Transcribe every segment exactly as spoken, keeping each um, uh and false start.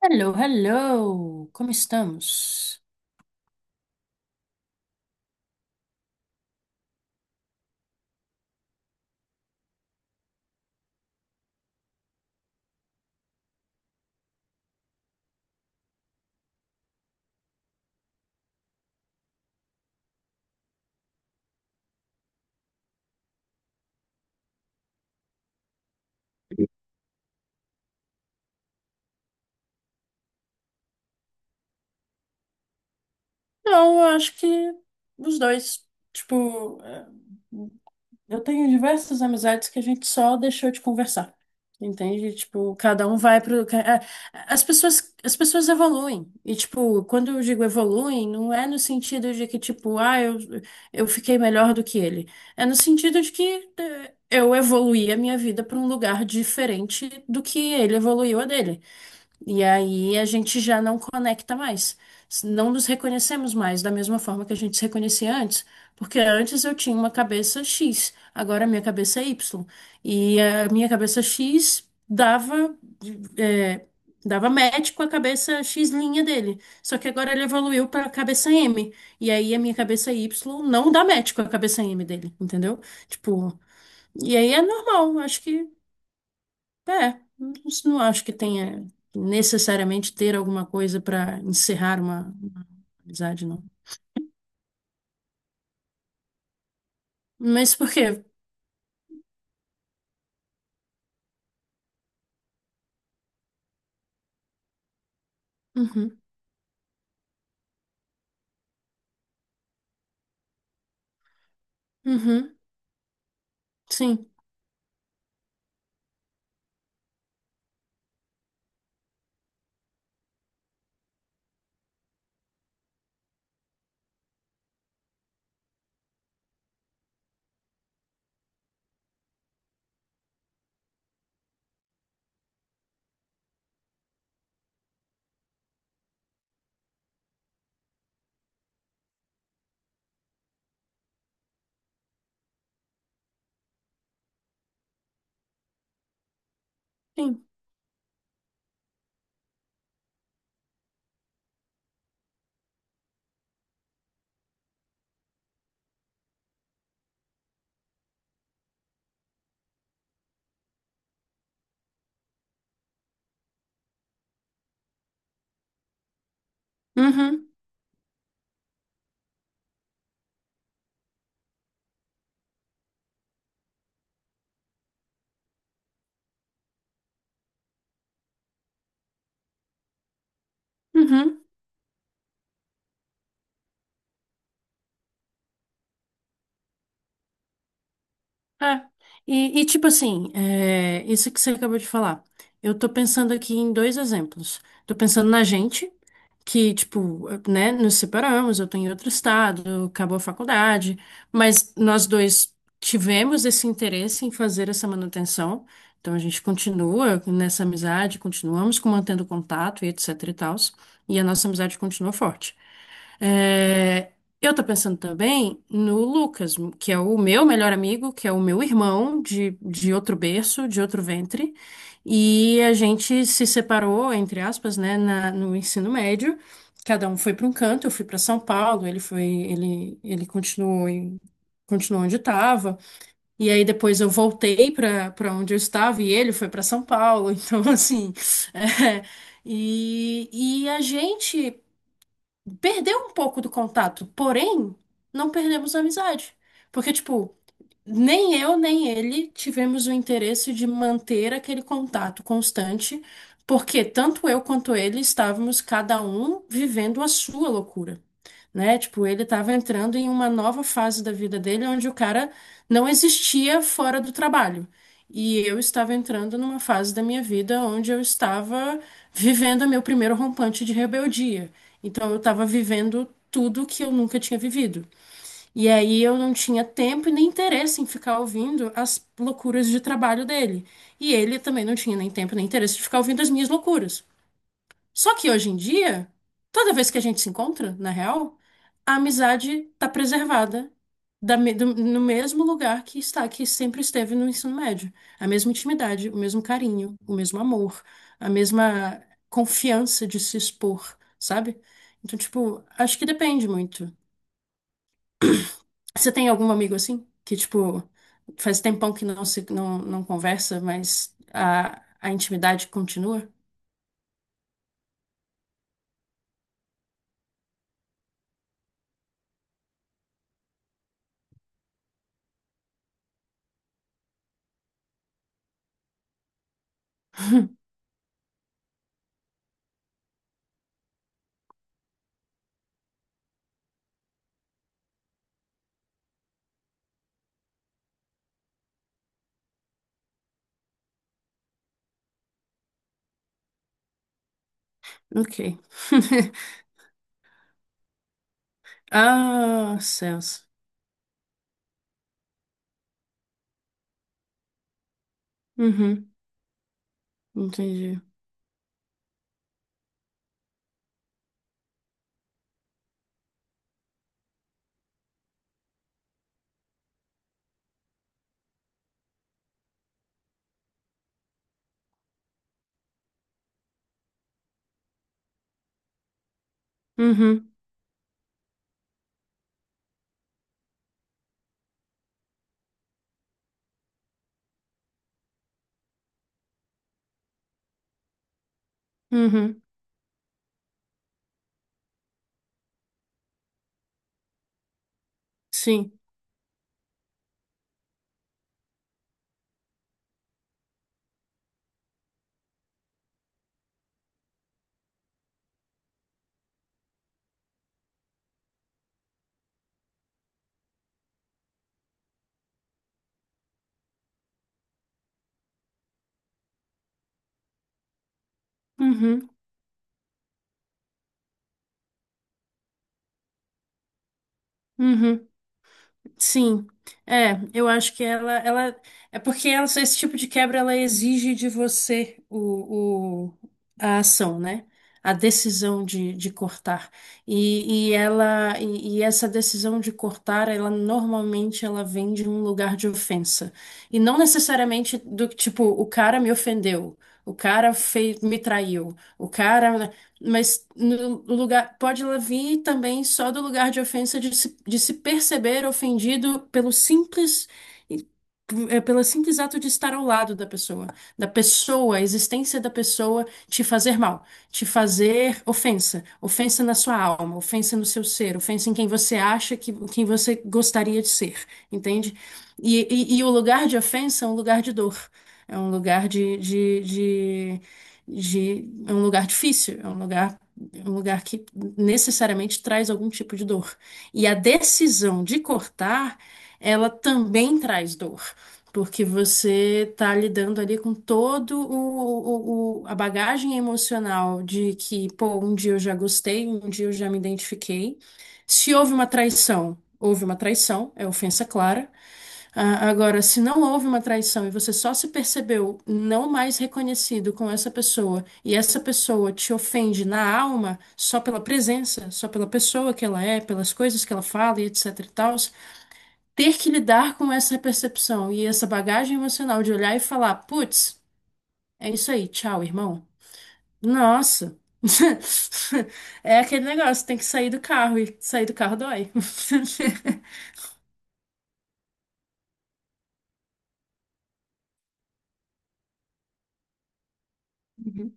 Hello, hello! Como estamos? Não, eu acho que os dois. Tipo, é, eu tenho diversas amizades que a gente só deixou de conversar. Entende? Tipo, cada um vai pro. ca- é, As pessoas, as pessoas evoluem. E, tipo, quando eu digo evoluem, não é no sentido de que, tipo, ah, eu, eu fiquei melhor do que ele. É no sentido de que é, eu evoluí a minha vida para um lugar diferente do que ele evoluiu a dele. E aí a gente já não conecta mais. Não nos reconhecemos mais da mesma forma que a gente se reconhecia antes. Porque antes eu tinha uma cabeça X, agora a minha cabeça é Y. E a minha cabeça X dava, é, dava match com a cabeça X linha dele. Só que agora ele evoluiu para a cabeça M. E aí a minha cabeça Y não dá match com a cabeça M dele, entendeu? Tipo, e aí é normal, acho que. É, não não acho que tenha necessariamente ter alguma coisa para encerrar uma, uma amizade, não. Mas por quê? Uhum, uhum, sim, sim. Uhum, uhum. É. E, e, tipo assim, é, isso que você acabou de falar. Eu tô pensando aqui em dois exemplos. Tô pensando na gente, que, tipo, né, nos separamos, eu tô em outro estado, acabou a faculdade, mas nós dois tivemos esse interesse em fazer essa manutenção. Então a gente continua nessa amizade, continuamos com mantendo contato e etc e tals, e a nossa amizade continua forte. É, eu tô pensando também no Lucas, que é o meu melhor amigo, que é o meu irmão de, de outro berço, de outro ventre. E a gente se separou, entre aspas, né, na- no ensino médio. Cada um foi para um canto, eu fui para São Paulo, ele foi, ele, ele continuou em- continuou onde estava. E aí depois eu voltei para para onde eu estava e ele foi para São Paulo. Então, assim, é, e, e a gente perdeu um pouco do contato, porém, não perdemos a amizade. Porque, tipo, nem eu, nem ele tivemos o interesse de manter aquele contato constante, porque tanto eu quanto ele estávamos cada um vivendo a sua loucura, né? Tipo, ele estava entrando em uma nova fase da vida dele onde o cara não existia fora do trabalho. E eu estava entrando numa fase da minha vida onde eu estava vivendo meu primeiro rompante de rebeldia. Então eu estava vivendo tudo que eu nunca tinha vivido. E aí eu não tinha tempo e nem interesse em ficar ouvindo as loucuras de trabalho dele. E ele também não tinha nem tempo nem interesse de ficar ouvindo as minhas loucuras. Só que hoje em dia, toda vez que a gente se encontra, na real, a amizade tá preservada da me- do- no mesmo lugar que está, que sempre esteve no ensino médio. A mesma intimidade, o mesmo carinho, o mesmo amor, a mesma confiança de se expor, sabe? Então, tipo, acho que depende muito. Você tem algum amigo assim? Que, tipo, faz tempão que não se não, não conversa, mas a, a intimidade continua? Ok. Ah, céus. Uhum, entendi. Uhum, uhum, sim. Uhum, uhum. Sim, é, eu acho que ela, ela é porque ela- esse tipo de quebra ela exige de você o, o- a ação, né? A decisão de, de cortar. E, e ela e, e essa decisão de cortar, ela normalmente ela vem de um lugar de ofensa. E não necessariamente do que, tipo, o cara me ofendeu, o cara fez, me traiu, o cara mas no lugar, pode ela vir também só do lugar de ofensa de se, de se perceber ofendido pelo simples, é pelo simples ato de estar ao lado da pessoa, da pessoa, a existência da pessoa te fazer mal, te fazer ofensa, ofensa na sua alma, ofensa no seu ser, ofensa em quem você acha que quem você gostaria de ser, entende? E, e, e o lugar de ofensa é um lugar de dor, é um lugar de, de de é um lugar difícil, é um lugar é um lugar que necessariamente traz algum tipo de dor. E a decisão de cortar, ela também traz dor, porque você está lidando ali com todo o, o- o- a bagagem emocional de que, pô, um dia eu já gostei, um dia eu já me identifiquei. Se houve uma traição, houve uma traição, é ofensa clara. Ah, agora, se não houve uma traição e você só se percebeu não mais reconhecido com essa pessoa e essa pessoa te ofende na alma só pela presença, só pela pessoa que ela é, pelas coisas que ela fala e etc e tal, ter que lidar com essa percepção e essa bagagem emocional de olhar e falar, putz, é isso aí, tchau, irmão. Nossa. É aquele negócio, tem que sair do carro e sair do carro dói. Uhum.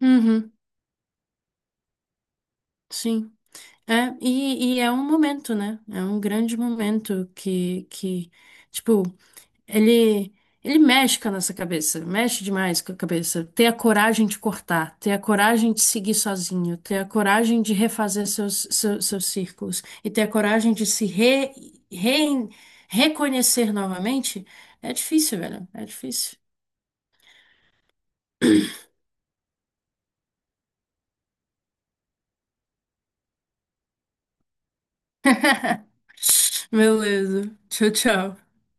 Uhum, sim. É, e, e é um momento, né? É um grande momento que, que tipo, ele, ele mexe com a nossa cabeça, mexe demais com a cabeça. Ter a coragem de cortar, ter a coragem de seguir sozinho, ter a coragem de refazer seus, seus, seus círculos e ter a coragem de se re, re- reconhecer novamente, é difícil, velho. É difícil. Beleza. Tchau, tchau.